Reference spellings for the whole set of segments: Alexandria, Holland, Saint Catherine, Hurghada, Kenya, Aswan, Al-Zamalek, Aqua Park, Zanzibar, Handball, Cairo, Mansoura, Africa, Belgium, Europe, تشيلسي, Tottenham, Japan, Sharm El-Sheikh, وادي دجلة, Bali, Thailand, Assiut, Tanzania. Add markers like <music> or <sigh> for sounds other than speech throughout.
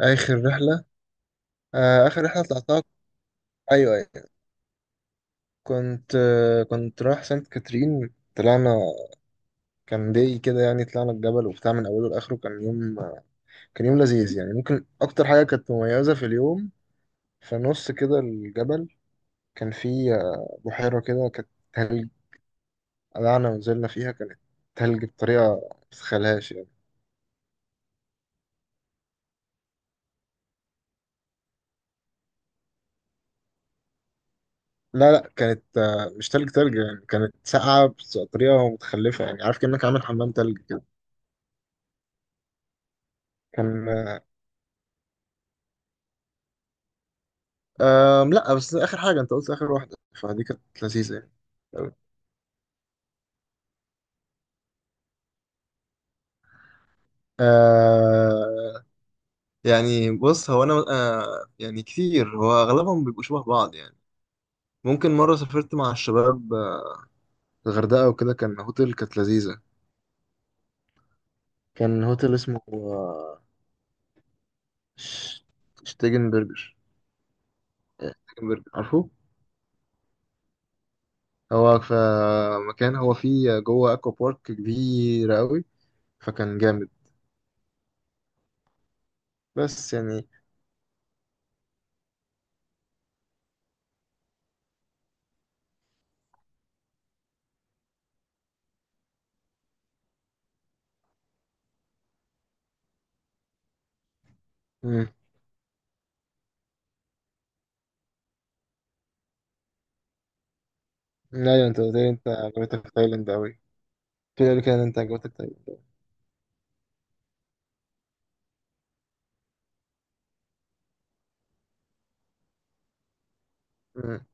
آخر رحلة. آخر رحلة طلعتها. أيوة أيوة. كنت كنت رايح سانت كاترين. طلعنا. كان داي كده يعني طلعنا الجبل وبتاع من أوله لآخره، كان يوم، كان يوم لذيذ. يعني ممكن أكتر حاجة كانت مميزة في اليوم، في نص كده الجبل، كان في بحيرة كده كانت تلج، قلعنا ونزلنا فيها، كانت تلج بطريقة متتخيلهاش يعني. لا لا، كانت مش تلج تلج يعني، كانت ساقعة بطريقة متخلفة يعني، عارف كأنك عامل حمام تلج كده. كان أم لا، بس آخر حاجة أنت قلت آخر واحدة، فدي كانت لذيذة. يعني، آه، يعني بص، هو أنا يعني كتير، هو أغلبهم بيبقوا شبه بعض يعني. ممكن مرة سافرت مع الشباب، الغردقة وكده، كان هوتيل كانت لذيذة. كان هوتيل اسمه ش- شتيجن برجر. شتيجن برجر، عارفه؟ هو في مكان، هو فيه جوه أكوا بارك كبيرة قوي، فكان جامد بس يعني. مم. لا، أنت قلت لي أنت عجبتك في تايلاند أوي، في ذلك كان انت عجبتك طيب. مم.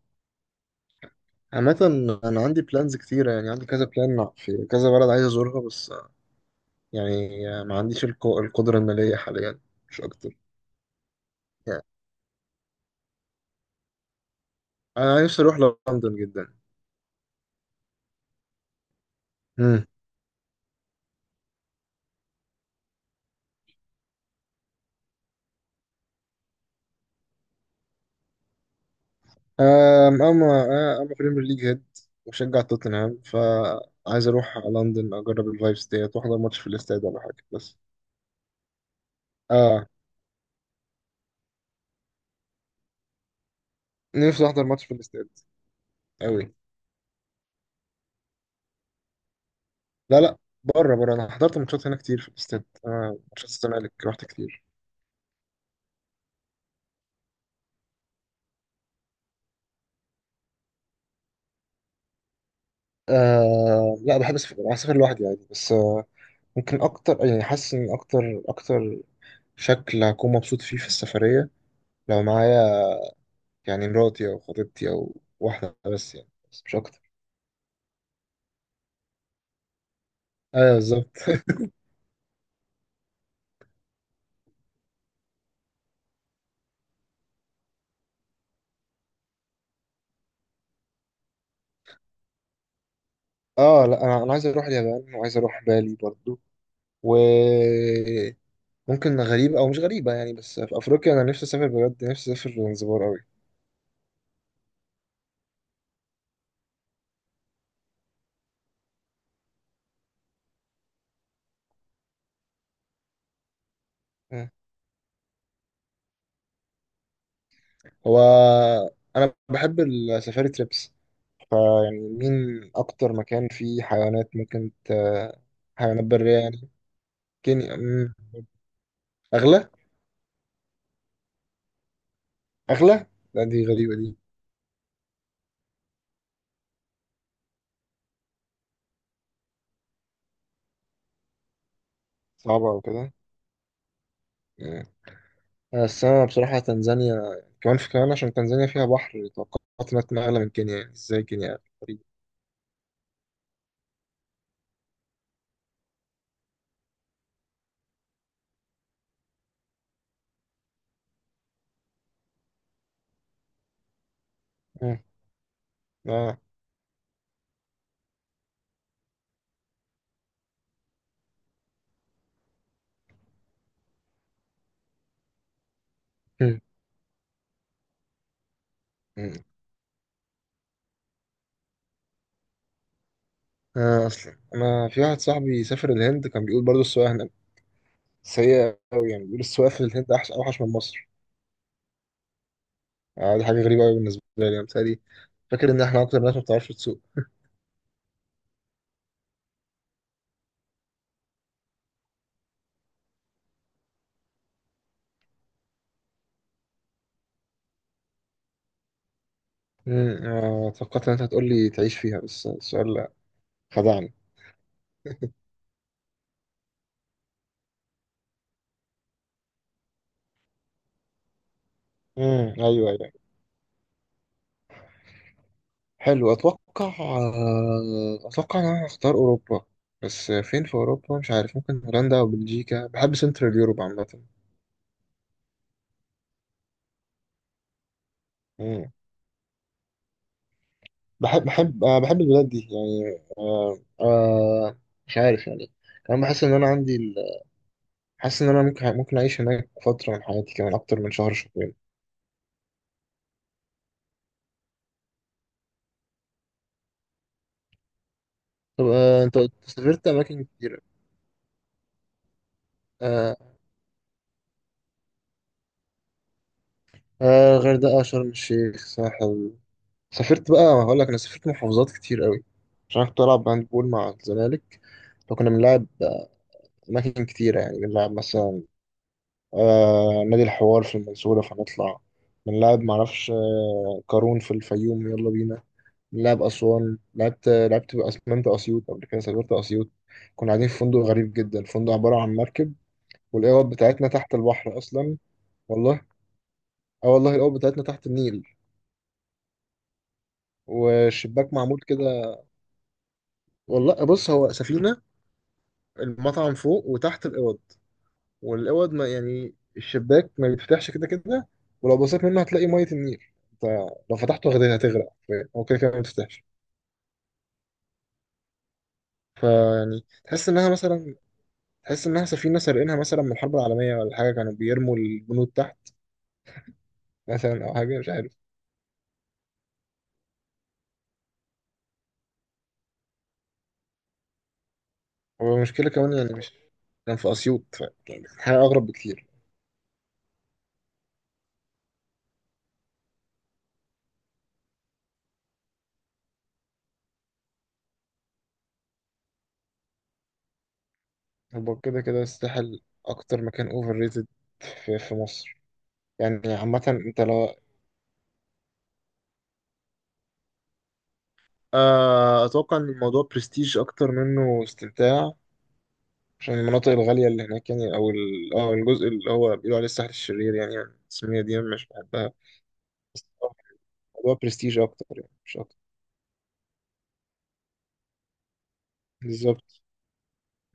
عامة انا عندي بلانز كتيرة، يعني عندي كذا بلان في كذا بلد عايز ازورها، بس يعني ما عنديش القدرة المالية حاليا، مش اكتر. يعني انا نفسي اروح لندن جدا. مم. آم، اما بريمير ليج هيد وشجع توتنهام، فعايز اروح لندن اجرب الفايبس ديت واحضر ماتش في الاستاد ولا حاجة، بس. اه. نفسي احضر ماتش في الاستاد قوي. لا لا، بره بره، انا حضرت ماتشات هنا كتير في الاستاد، ماتشات الزمالك رحت كتير. آه لا، بحب اسافر، بحب اسافر لوحدي يعني، بس آه ممكن اكتر، يعني حاسس ان اكتر اكتر شكل هكون مبسوط فيه في السفريه، لو معايا يعني مراتي او خطيبتي او واحده بس يعني، بس مش اكتر. ايوه بالظبط. <laughs> اه لا، انا عايز اروح اليابان وعايز اروح بالي برضو. وممكن غريبه او مش غريبه يعني، بس في افريقيا انا نفسي اسافر بجد، نفسي اسافر زنزبار قوي. هو انا بحب السفاري تريبس، فيعني مين أكتر مكان فيه حيوانات ممكن ت... حيوانات برية يعني. كينيا؟ مم. أغلى، أغلى. لا دي غريبة دي، صعبة أو كده. مم. بس أنا بصراحة تنزانيا كمان، في كمان عشان تنزانيا فيها بحر، توقعت إنها تكون أغلى من كينيا يعني، إزاي كينيا أغلى؟ غريبة. مم. آه. مم. مم. آه أصلا أنا في واحد صاحبي سافر الهند، كان بيقول برضه السواقة هناك سيئة أوي يعني، بيقول السواقة في الهند أحس أوحش من مصر. آه دي حاجة غريبة أوي بالنسبة لي يعني، مثالي فاكر إن إحنا أكتر ناس ما بتعرفش تسوق. امم، توقعت ان انت هتقول لي تعيش فيها، بس السؤال خدعني. ايوه ايوه. حلو، اتوقع اتوقع ان انا هختار اوروبا، بس فين في اوروبا مش عارف، ممكن هولندا او بلجيكا، بحب سنترال يوروب عامه. امم. بحب البلاد دي يعني، مش عارف يعني. كمان بحس ان انا حاسس ان انا ممكن، ممكن اعيش هناك فتره من حياتي، كمان اكتر من شهر شهرين. طب انت سافرت اماكن كتيره. آه. آه غردقة، شرم الشيخ، ساحل، سافرت بقى هقول لك، انا سافرت محافظات كتير قوي عشان أنا كنت بلعب هاند بول مع الزمالك، فكنا بنلعب اماكن كتيره يعني، بنلعب مثلا نادي الحوار في المنصوره، فنطلع بنلعب معرفش آه قارون في الفيوم، يلا بينا بنلعب اسوان، لعبت اسمنت اسيوط، قبل كده سافرت اسيوط، كنا قاعدين في فندق غريب جدا، الفندق عباره عن مركب، والاوض بتاعتنا تحت البحر اصلا. والله، اه والله الاوض بتاعتنا تحت النيل، والشباك معمول كده. والله بص هو سفينه، المطعم فوق وتحت الأوض، والأوض ما يعني الشباك ما بيتفتحش كده كده، ولو بصيت منه هتلاقي مية النيل، انت لو فتحته هتغرق حرفياً. هو كده كده ما بيتفتحش. فيعني تحس انها مثلا، تحس انها سفينة سارقينها مثلا من الحرب العالمية ولا حاجة، كانوا بيرموا البنود تحت مثلا، او حاجة مش عارف. هو المشكلة كمان يعني مش، كان في أسيوط يعني كانت حاجة أغرب بكتير. هو كده كده الساحل أكتر مكان أوفر ريتد في في مصر يعني. عامة أنت لو أتوقع إن الموضوع برستيج أكتر منه استمتاع، عشان المناطق الغالية اللي هناك يعني، أو ال... أو الجزء اللي هو بيقولوا عليه الساحل الشرير يعني، يعني التسمية دي مش بحبها، بس الموضوع برستيج أكتر يعني، مش أكتر. بالظبط.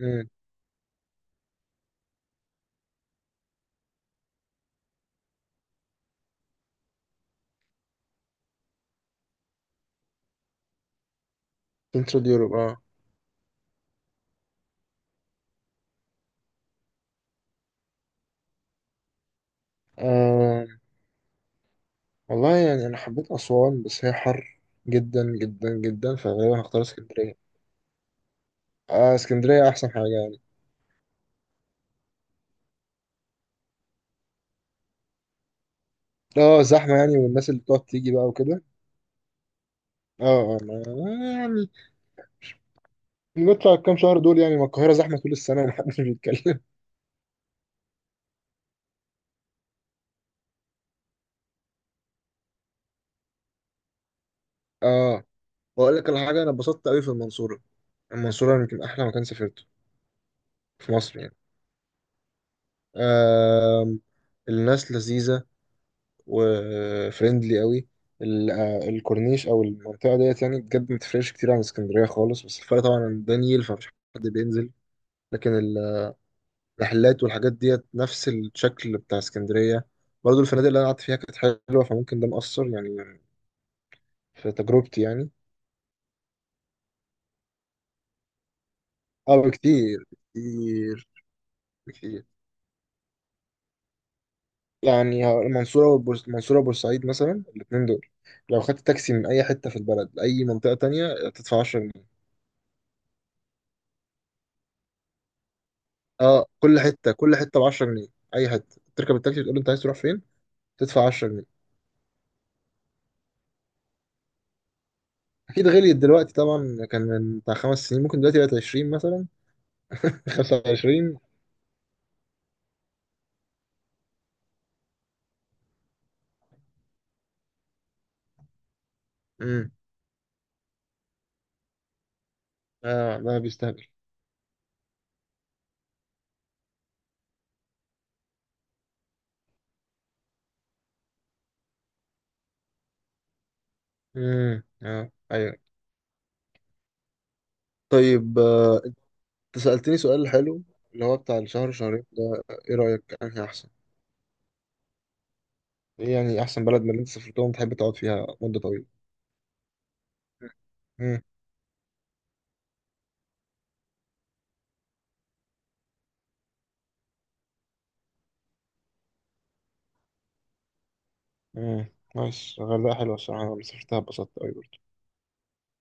مم. سنترال يوروب أه. آه، والله يعني أنا حبيت أسوان، بس هي حر جدا جدا جدا، فغالبا هختار اسكندرية. آه اسكندرية أحسن حاجة يعني. اه زحمة يعني، والناس اللي بتقعد تيجي بقى وكده. اه اه، يعني نطلع الكام شهر دول يعني، ما القاهرة زحمة طول السنة ومحدش بيتكلم. <laughs> اه. بقول لك على حاجة، أنا اتبسطت قوي في المنصورة، المنصورة يمكن أحلى مكان سافرته في مصر يعني. آه الناس لذيذة وفريندلي قوي. الكورنيش أو المنطقة ديت يعني بجد ما تفرقش كتير عن اسكندرية خالص، بس الفرق طبعا إن ده نيل، فمفيش حد بينزل، لكن المحلات والحاجات ديت نفس الشكل بتاع اسكندرية. برضه الفنادق اللي أنا قعدت فيها كانت حلوة، فممكن ده مأثر يعني في تجربتي يعني. اه بكتير، بكتير. بكتير. يعني المنصورة وبورسعيد مثلا، الاتنين دول لو خدت تاكسي من أي حتة في البلد لأي منطقة تانية تدفع 10 جنيه. اه، كل حتة ب 10 جنيه، أي حتة تركب التاكسي تقول له أنت عايز تروح فين، تدفع 10 جنيه. أكيد غليت دلوقتي طبعا، كان من بتاع 5 سنين، ممكن دلوقتي بقت 20 مثلا. <laughs> 25. امم. اه ده بيستهبل. اه أيوه. طيب أنت سألتني سؤال حلو، اللي هو بتاع الشهر شهرين ده، إيه رأيك أنهي أحسن؟ ايه يعني احسن بلد من اللي انت سافرتهم تحب تقعد فيها مدة طويلة؟ امم. امم ماشي، الغردقة حلوة الصراحة، انا لما سافرتها اتبسطت قوي.